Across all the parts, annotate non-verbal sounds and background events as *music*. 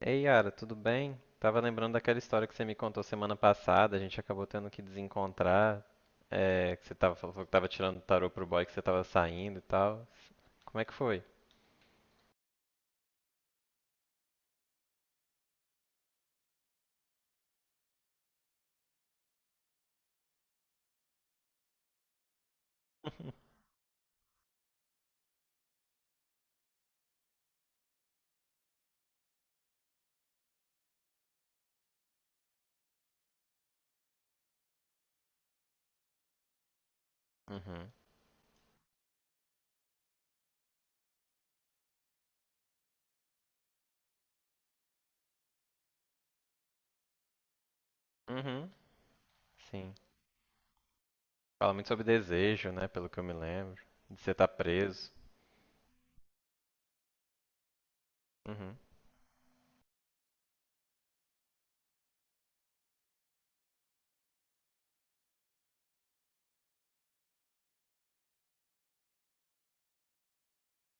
Ei, Yara, tudo bem? Tava lembrando daquela história que você me contou semana passada, a gente acabou tendo que desencontrar, que você tava, falou que tava tirando tarô pro boy que você tava saindo e tal. Como é que foi? *laughs* Uhum. Uhum, sim. Fala muito sobre desejo, né, pelo que eu me lembro, de você estar preso. Uhum,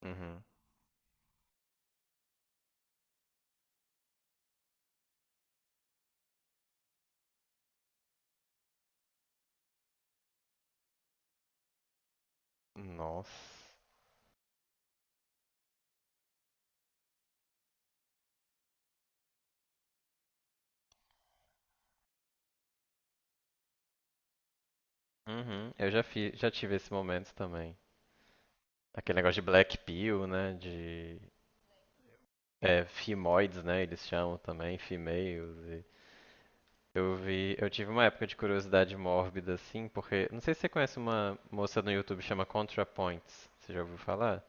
uhum. Nossa. Uhum, já tive esse momento também. Aquele negócio de black pill, né, de... É, femoides, né, eles chamam também, females e... Eu vi, eu tive uma época de curiosidade mórbida, assim, porque não sei se você conhece uma moça no YouTube que chama ContraPoints. Você já ouviu falar?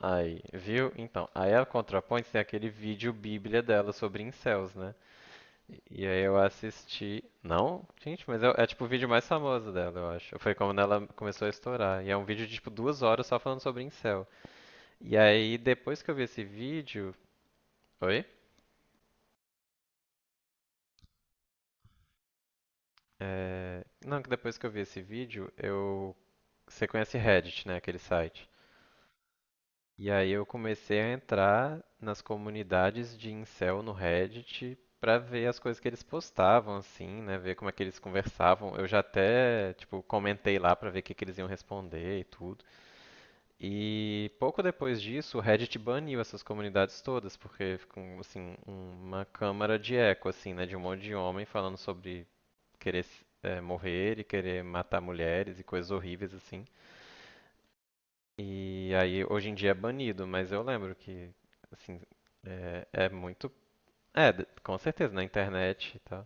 Aí, viu? Então, aí a ContraPoints tem aquele vídeo bíblia dela sobre incels, né? E aí eu assisti. Não? Gente, é tipo o vídeo mais famoso dela, eu acho. Foi quando ela começou a estourar. E é um vídeo de tipo 2 horas só falando sobre incel. E aí depois que eu vi esse vídeo. Oi? Não, que depois que eu vi esse vídeo, eu. Você conhece Reddit, né? Aquele site. E aí eu comecei a entrar nas comunidades de incel no Reddit pra ver as coisas que eles postavam, assim, né? Ver como é que eles conversavam. Eu já até, tipo, comentei lá pra ver o que que eles iam responder e tudo. E pouco depois disso, o Reddit baniu essas comunidades todas, porque ficou, assim, uma câmara de eco, assim, né? De um monte de homem falando sobre querer morrer e querer matar mulheres e coisas horríveis, assim. E aí, hoje em dia é banido, mas eu lembro que, assim, é, é muito. É, de- com certeza, na internet e tal.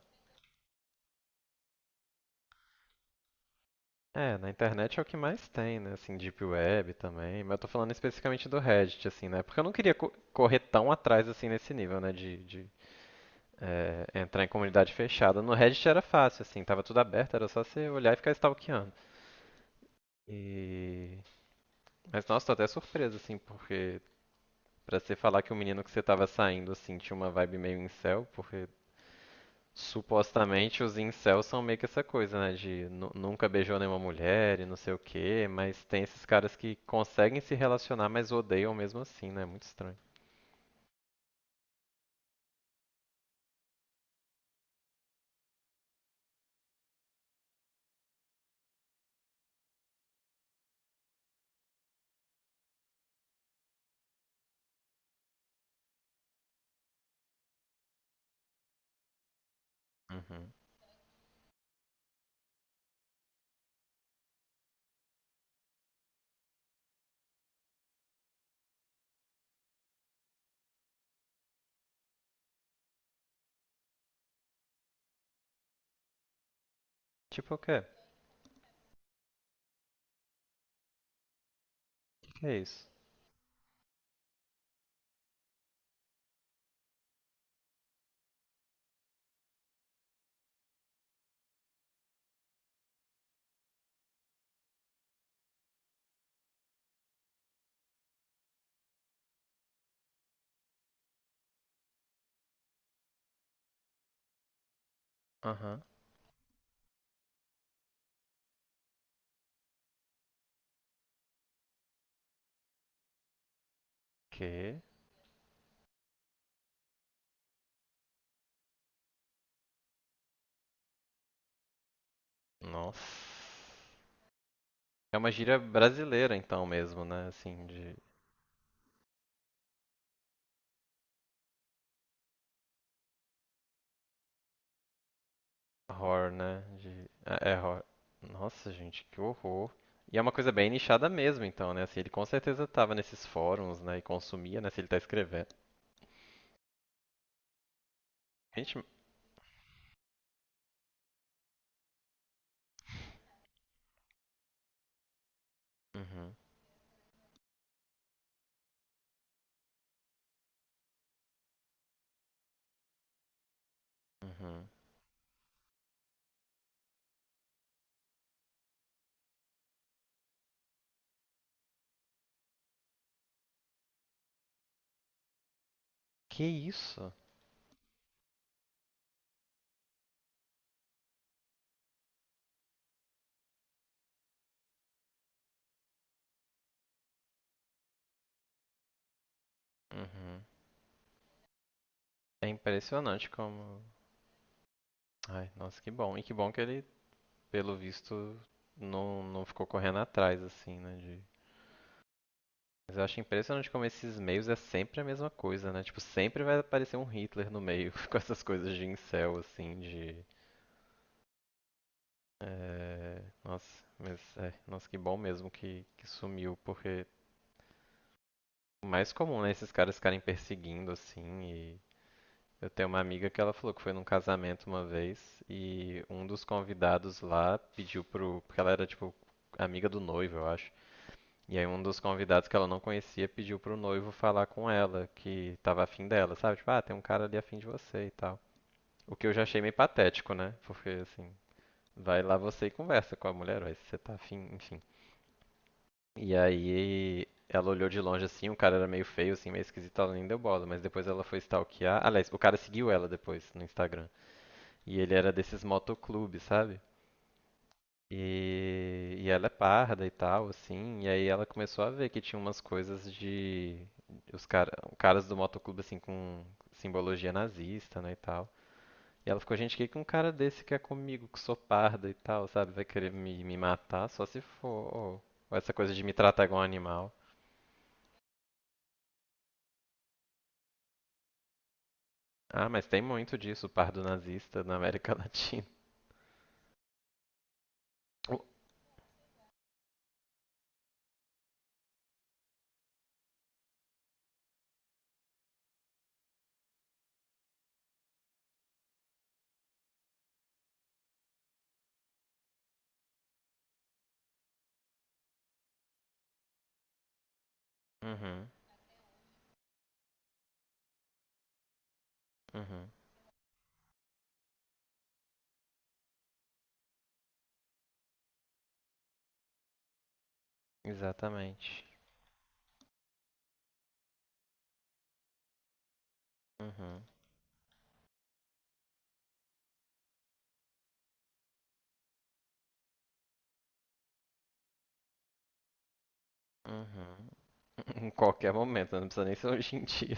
É, na internet é o que mais tem, né? Assim, Deep Web também. Mas eu tô falando especificamente do Reddit, assim, né? Porque eu não queria co- correr tão atrás, assim, nesse nível, né? Entrar em comunidade fechada. No Reddit era fácil, assim, tava tudo aberto, era só você olhar e ficar stalkeando. E. Mas, nossa, tô até surpreso, assim, porque. Pra você falar que o menino que você tava saindo, assim, tinha uma vibe meio incel, porque Supostamente os incels são meio que essa coisa, né? De nu- nunca beijou nenhuma mulher e não sei o quê, mas tem esses caras que conseguem se relacionar, mas odeiam mesmo assim, né? Muito estranho. Uhum. Tipo o quê? O que é isso? Aham. Que? Nossa. É uma gíria brasileira então mesmo, né? Assim, de horror, né? De... É, é horror. Nossa, gente, que horror. E é uma coisa bem nichada mesmo, então, né? Assim, ele com certeza tava nesses fóruns, né? E consumia, né? Se ele tá escrevendo. Gente, uhum. Uhum. Que isso? Uhum. É impressionante como. Ai, nossa, que bom. E que bom que ele, pelo visto, não ficou correndo atrás, assim, né? de- Mas eu acho impressionante como esses meios é sempre a mesma coisa, né? Tipo, sempre vai aparecer um Hitler no meio *laughs* com essas coisas de incel, assim, de. Nossa, nossa, que bom mesmo que sumiu, porque o mais comum, né? Esses caras ficarem perseguindo, assim, e Eu tenho uma amiga que ela falou que foi num casamento uma vez e um dos convidados lá pediu pro. Porque ela era tipo amiga do noivo, eu acho. E aí um dos convidados que ela não conhecia pediu pro noivo falar com ela, que tava afim dela, sabe? Tipo, ah, tem um cara ali afim de você e tal. O que eu já achei meio patético, né? Porque assim, vai lá você e conversa com a mulher, vai, se você tá afim, enfim. E aí ela olhou de longe assim, o cara era meio feio, assim, meio esquisito, ela nem deu bola, mas depois ela foi stalkear. Aliás, o cara seguiu ela depois no Instagram. E ele era desses motoclubes, sabe? E ela é parda e tal, assim. E aí ela começou a ver que tinha umas coisas de. Os cara, caras do motoclube, assim, com simbologia nazista, né, e tal. E ela ficou, gente, o que que um cara desse quer comigo, que sou parda e tal, sabe? Vai querer me matar só se for. Ou essa coisa de me tratar igual um animal. Ah, mas tem muito disso, pardo nazista na América *laughs* Latina. Uhum, uhum, exatamente. Uhum, uhum. Em qualquer momento, né? Não precisa nem ser hoje em dia.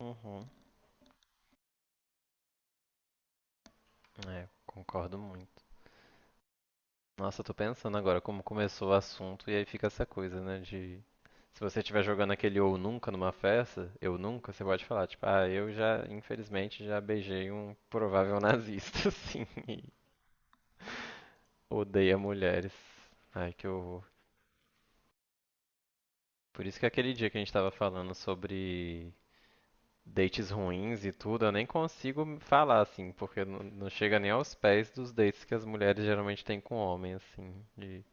Uhum. É, concordo muito. Nossa, eu tô pensando agora como começou o assunto e aí fica essa coisa, né, de se você estiver jogando aquele ou nunca numa festa, eu nunca, você pode falar, tipo, ah, eu já, infelizmente, já beijei um provável nazista, *laughs* assim, e odeia mulheres. Ai, que horror. Por isso que é aquele dia que a gente tava falando sobre dates ruins e tudo, eu nem consigo falar assim, porque não chega nem aos pés dos dates que as mulheres geralmente têm com homem, assim. De-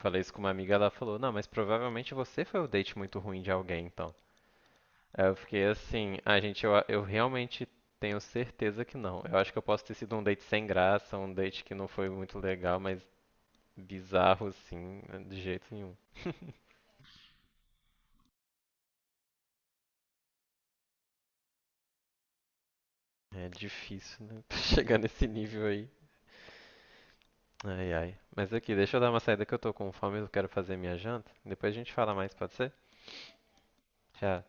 Falei isso com uma amiga, ela falou: Não, mas provavelmente você foi o date muito ruim de alguém, então. Aí eu fiquei assim: Ah, gente, eu realmente tenho certeza que não. Eu acho que eu posso ter sido um date sem graça, um date que não foi muito legal, mas bizarro, assim, de jeito nenhum. É difícil, né? *laughs* Chegar nesse nível aí. Ai, ai. Mas aqui, deixa eu dar uma saída que eu tô com fome, e eu quero fazer minha janta. Depois a gente fala mais, pode ser? Tchau.